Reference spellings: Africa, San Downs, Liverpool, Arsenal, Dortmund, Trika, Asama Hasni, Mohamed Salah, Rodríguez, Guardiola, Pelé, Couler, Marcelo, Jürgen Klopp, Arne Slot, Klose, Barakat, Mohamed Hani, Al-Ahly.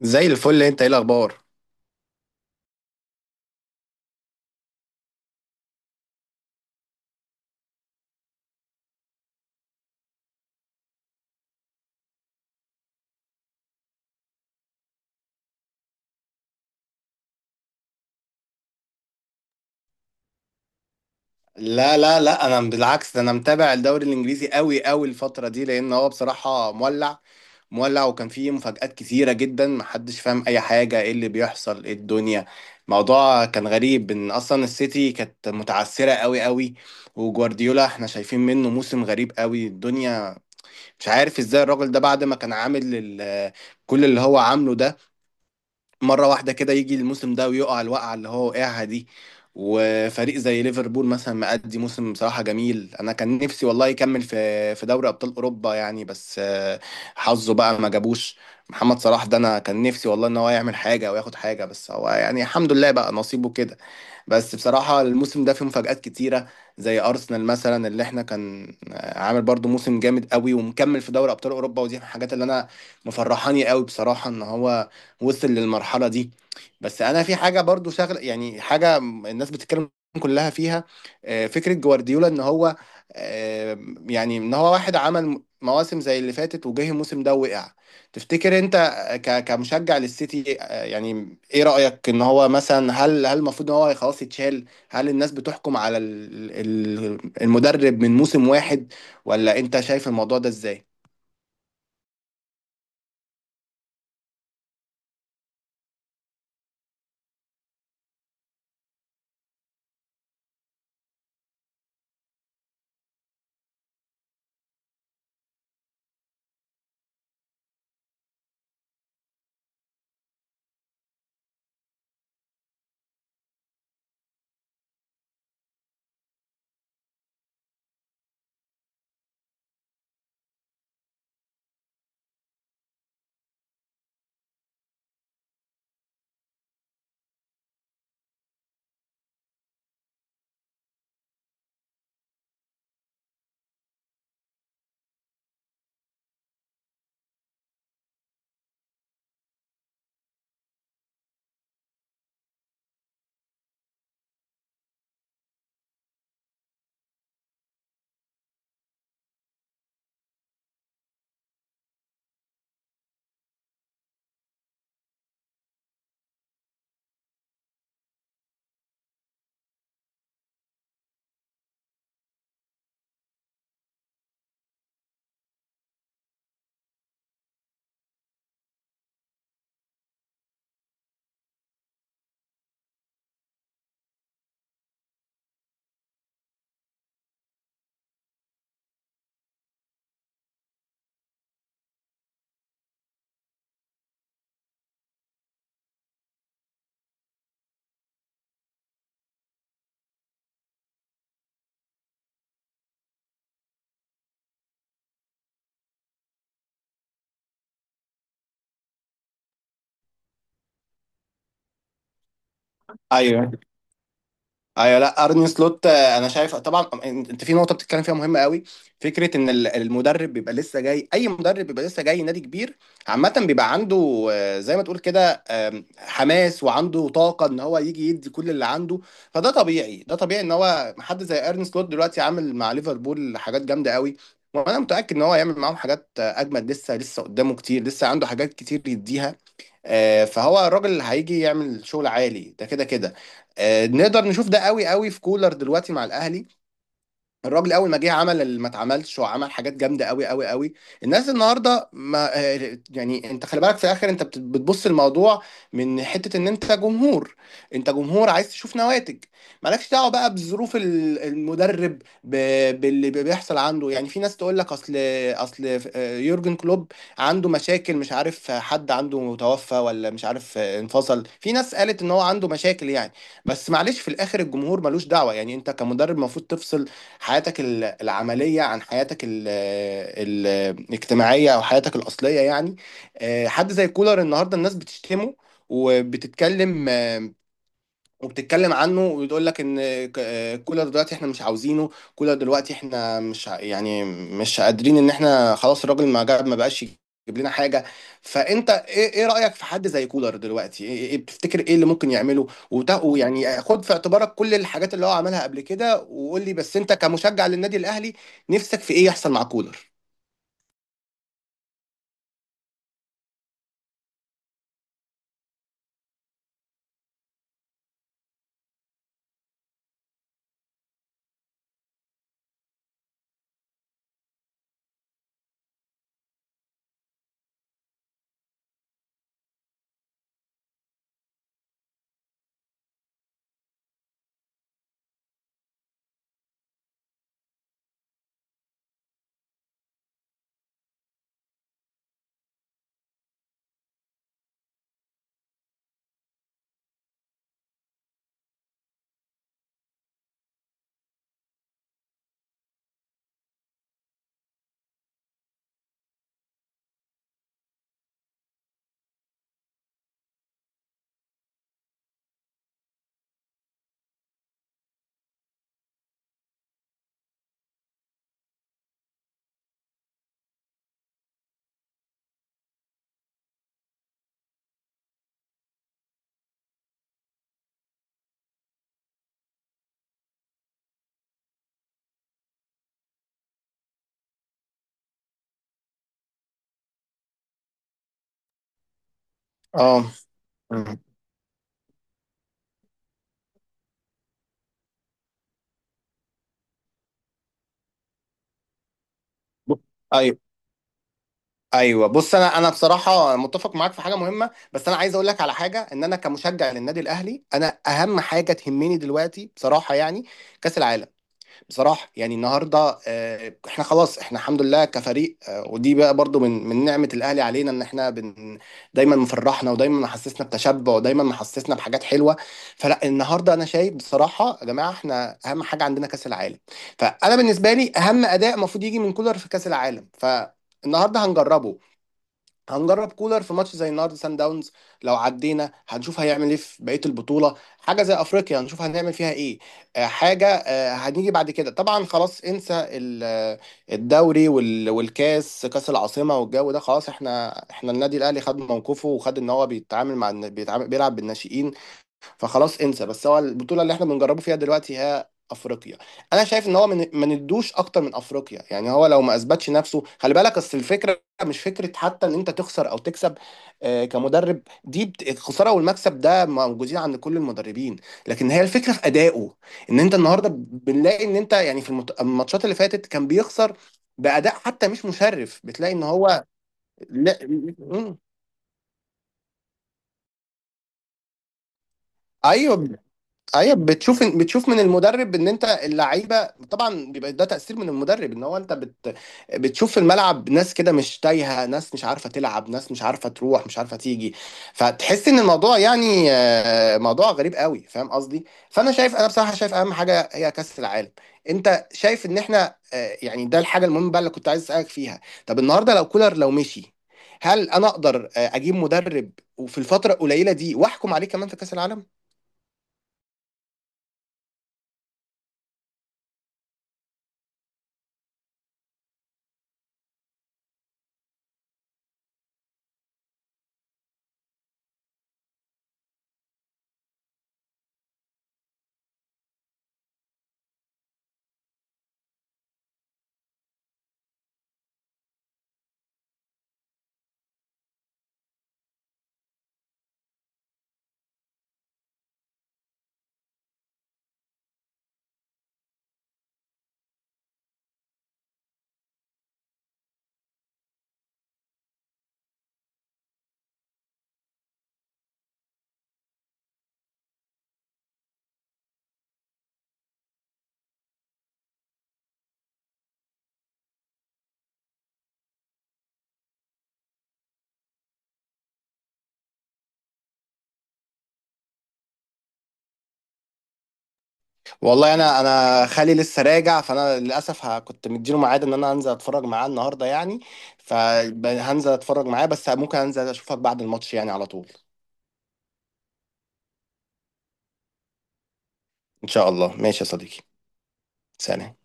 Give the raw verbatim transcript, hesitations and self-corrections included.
زي الفل، انت ايه الاخبار؟ لا لا لا، انا بالعكس، ده انا متابع الدوري الانجليزي قوي قوي الفتره دي، لان هو بصراحه مولع مولع، وكان فيه مفاجآت كتيره جدا، محدش فاهم اي حاجه، ايه اللي بيحصل، ايه الدنيا. موضوع كان غريب ان اصلا السيتي كانت متعثره قوي قوي، وجوارديولا احنا شايفين منه موسم غريب قوي الدنيا. مش عارف ازاي الراجل ده بعد ما كان عامل ال- كل اللي هو عامله ده، مرة واحدة كده يجي الموسم ده ويقع الوقعة اللي هو وقعها دي. وفريق زي ليفربول مثلا مأدي موسم بصراحة جميل، أنا كان نفسي والله يكمل في في دوري أبطال أوروبا يعني، بس آه، حظه بقى ما جابوش. محمد صلاح ده أنا كان نفسي والله إن هو يعمل حاجة أو ياخد حاجة، بس هو يعني الحمد لله بقى نصيبه كده. بس بصراحة الموسم ده فيه مفاجآت كتيرة، زي أرسنال مثلا اللي احنا كان آه، عامل برضو موسم جامد قوي ومكمل في دوري أبطال أوروبا، ودي من الحاجات اللي أنا مفرحاني قوي بصراحة إن هو وصل للمرحلة دي. بس أنا في حاجة برضو شغل يعني حاجة الناس بتتكلم كلها فيها، آه، فكرة جوارديولا إن هو، آه، يعني إن هو واحد عمل مواسم زي اللي فاتت، وجه الموسم ده وقع. تفتكر انت ك- كمشجع للسيتي، آه، يعني ايه رأيك ان هو مثلا، هل هل المفروض ان هو خلاص يتشال؟ هل الناس بتحكم على ال- ال- المدرب من موسم واحد، ولا انت شايف الموضوع ده ازاي؟ ايوه، ايوه، لا ارني سلوت آه، انا شايف طبعا انت في نقطه بتتكلم فيها مهمه قوي. فكره ان ال- المدرب بيبقى لسه جاي، اي مدرب بيبقى لسه جاي نادي كبير عامه بيبقى عنده آه، زي ما تقول كده، آم، حماس وعنده طاقه ان هو يجي يدي كل اللي عنده. فده طبيعي، ده طبيعي ان هو حد زي ارني سلوت دلوقتي عامل مع ليفربول حاجات جامده قوي، وانا متاكد ان هو هيعمل معاهم حاجات آه، اجمد، لسه لسه قدامه كتير، لسه عنده حاجات كتير يديها. آه، فهو الراجل اللي هيجي يعمل شغل عالي ده كده كده. آه، نقدر نشوف ده قوي قوي في كولر دلوقتي مع الاهلي. الراجل اول ما جه عمل اللي ما اتعملش، وعمل حاجات جامده قوي قوي قوي. الناس النهارده ما آه، يعني انت خلي بالك في الاخر، انت بت- بتبص الموضوع من حته ان انت جمهور، انت جمهور عايز تشوف نواتج. مالكش دعوه بقى بظروف ال- المدرب، ب- باللي بيحصل عنده، يعني في ناس تقول لك اصل اصل آه، يورجن كلوب عنده مشاكل، مش عارف آه، حد عنده توفى، ولا مش عارف آه، انفصل، في ناس قالت ان هو عنده مشاكل يعني. بس معلش في الاخر الجمهور ملوش دعوه، يعني انت كمدرب المفروض تفصل حياتك ال- العملية عن حياتك ال- ال- الاجتماعية أو حياتك الأصلية يعني. آه، حد زي كولر النهاردة الناس بتشتمه وبتتكلم، آه، وبتتكلم عنه وبتقول لك ان ك- آه، كولر دلوقتي احنا مش عاوزينه، كولر دلوقتي احنا مش ع- يعني مش قادرين ان احنا خلاص الراجل ما جاب ما بقاش يجيب لنا حاجه. فانت ايه، ايه رايك في حد زي كولر دلوقتي؟ ايه إيه- بتفتكر ايه اللي ممكن يعمله؟ وت- ويعني خد في اعتبارك كل الحاجات اللي هو عملها قبل كده، وقول لي بس انت كمشجع للنادي الاهلي، نفسك في ايه يحصل مع كولر؟ اه. مم. ايوه، ايوه، بص انا انا بصراحه متفق معاك في حاجه مهمه، بس انا عايز اقول لك على حاجه، ان انا كمشجع للنادي الاهلي، انا اهم حاجه تهمني دلوقتي بصراحه يعني كاس العالم. بصراحه يعني النهارده آه، احنا خلاص احنا الحمد لله كفريق آه، ودي بقى برضو من من نعمه الاهلي علينا ان احنا بن، دايما مفرحنا ودايما محسسنا بتشبع ودايما محسسنا بحاجات حلوه. فلا النهارده انا شايف بصراحه يا جماعه، احنا اهم حاجه عندنا كاس العالم، فانا بالنسبه لي اهم اداء المفروض يجي من كولر في كاس العالم. ف النهارده هنجربه، هنجرب كولر في ماتش زي النهارده سان داونز، لو عدينا هنشوف هيعمل ايه في بقيه البطوله، حاجه زي افريقيا هنشوف هنعمل فيها ايه. آه، حاجه آه، هنيجي بعد كده طبعا خلاص انسى ال- آه، الدوري وال- والكاس كاس العاصمه والجو ده، خلاص احنا احنا النادي الاهلي خد موقفه وخد ان هو بيتعامل مع الن- بيتعامل بيلعب بالناشئين. فخلاص انسى، بس هو البطوله اللي احنا بنجربه فيها دلوقتي هي افريقيا. انا شايف ان هو من ما ندوش اكتر من افريقيا يعني، هو لو ما اثبتش نفسه، خلي بالك اصل الفكره مش فكره حتى ان انت تخسر او تكسب آه، كمدرب، دي بت- الخساره والمكسب ده موجودين عند كل المدربين، لكن هي الفكره في ادائه. ان انت النهارده بنلاقي ان انت يعني في المت- الماتشات اللي فاتت كان بيخسر باداء حتى مش مشرف، بتلاقي ان هو، لا م- م- ايوه، ايوه بتشوف، بتشوف من المدرب ان انت اللعيبه، طبعا بيبقى ده تاثير من المدرب، ان هو انت بت، بتشوف في الملعب ناس كده مش تايهه، ناس مش عارفه تلعب، ناس مش عارفه تروح، مش عارفه تيجي. فتحس ان الموضوع يعني آه، موضوع غريب قوي، فاهم قصدي؟ فانا شايف، انا بصراحه شايف اهم حاجه هي كاس العالم. انت شايف ان احنا آه، يعني ده الحاجه المهمه بقى اللي كنت عايز اسالك فيها. طب النهارده لو كولر لو مشي، هل انا اقدر آه، اجيب مدرب وفي الفتره القليله دي واحكم عليه كمان في كاس العالم؟ والله انا انا خالي لسه راجع، فانا للاسف ه- كنت مديله ميعاد ان انا هنزل اتفرج معاه النهارده يعني، فهنزل اتفرج معاه، بس ممكن انزل اشوفك بعد الماتش يعني على طول. ان شاء الله، ماشي يا صديقي، سلام.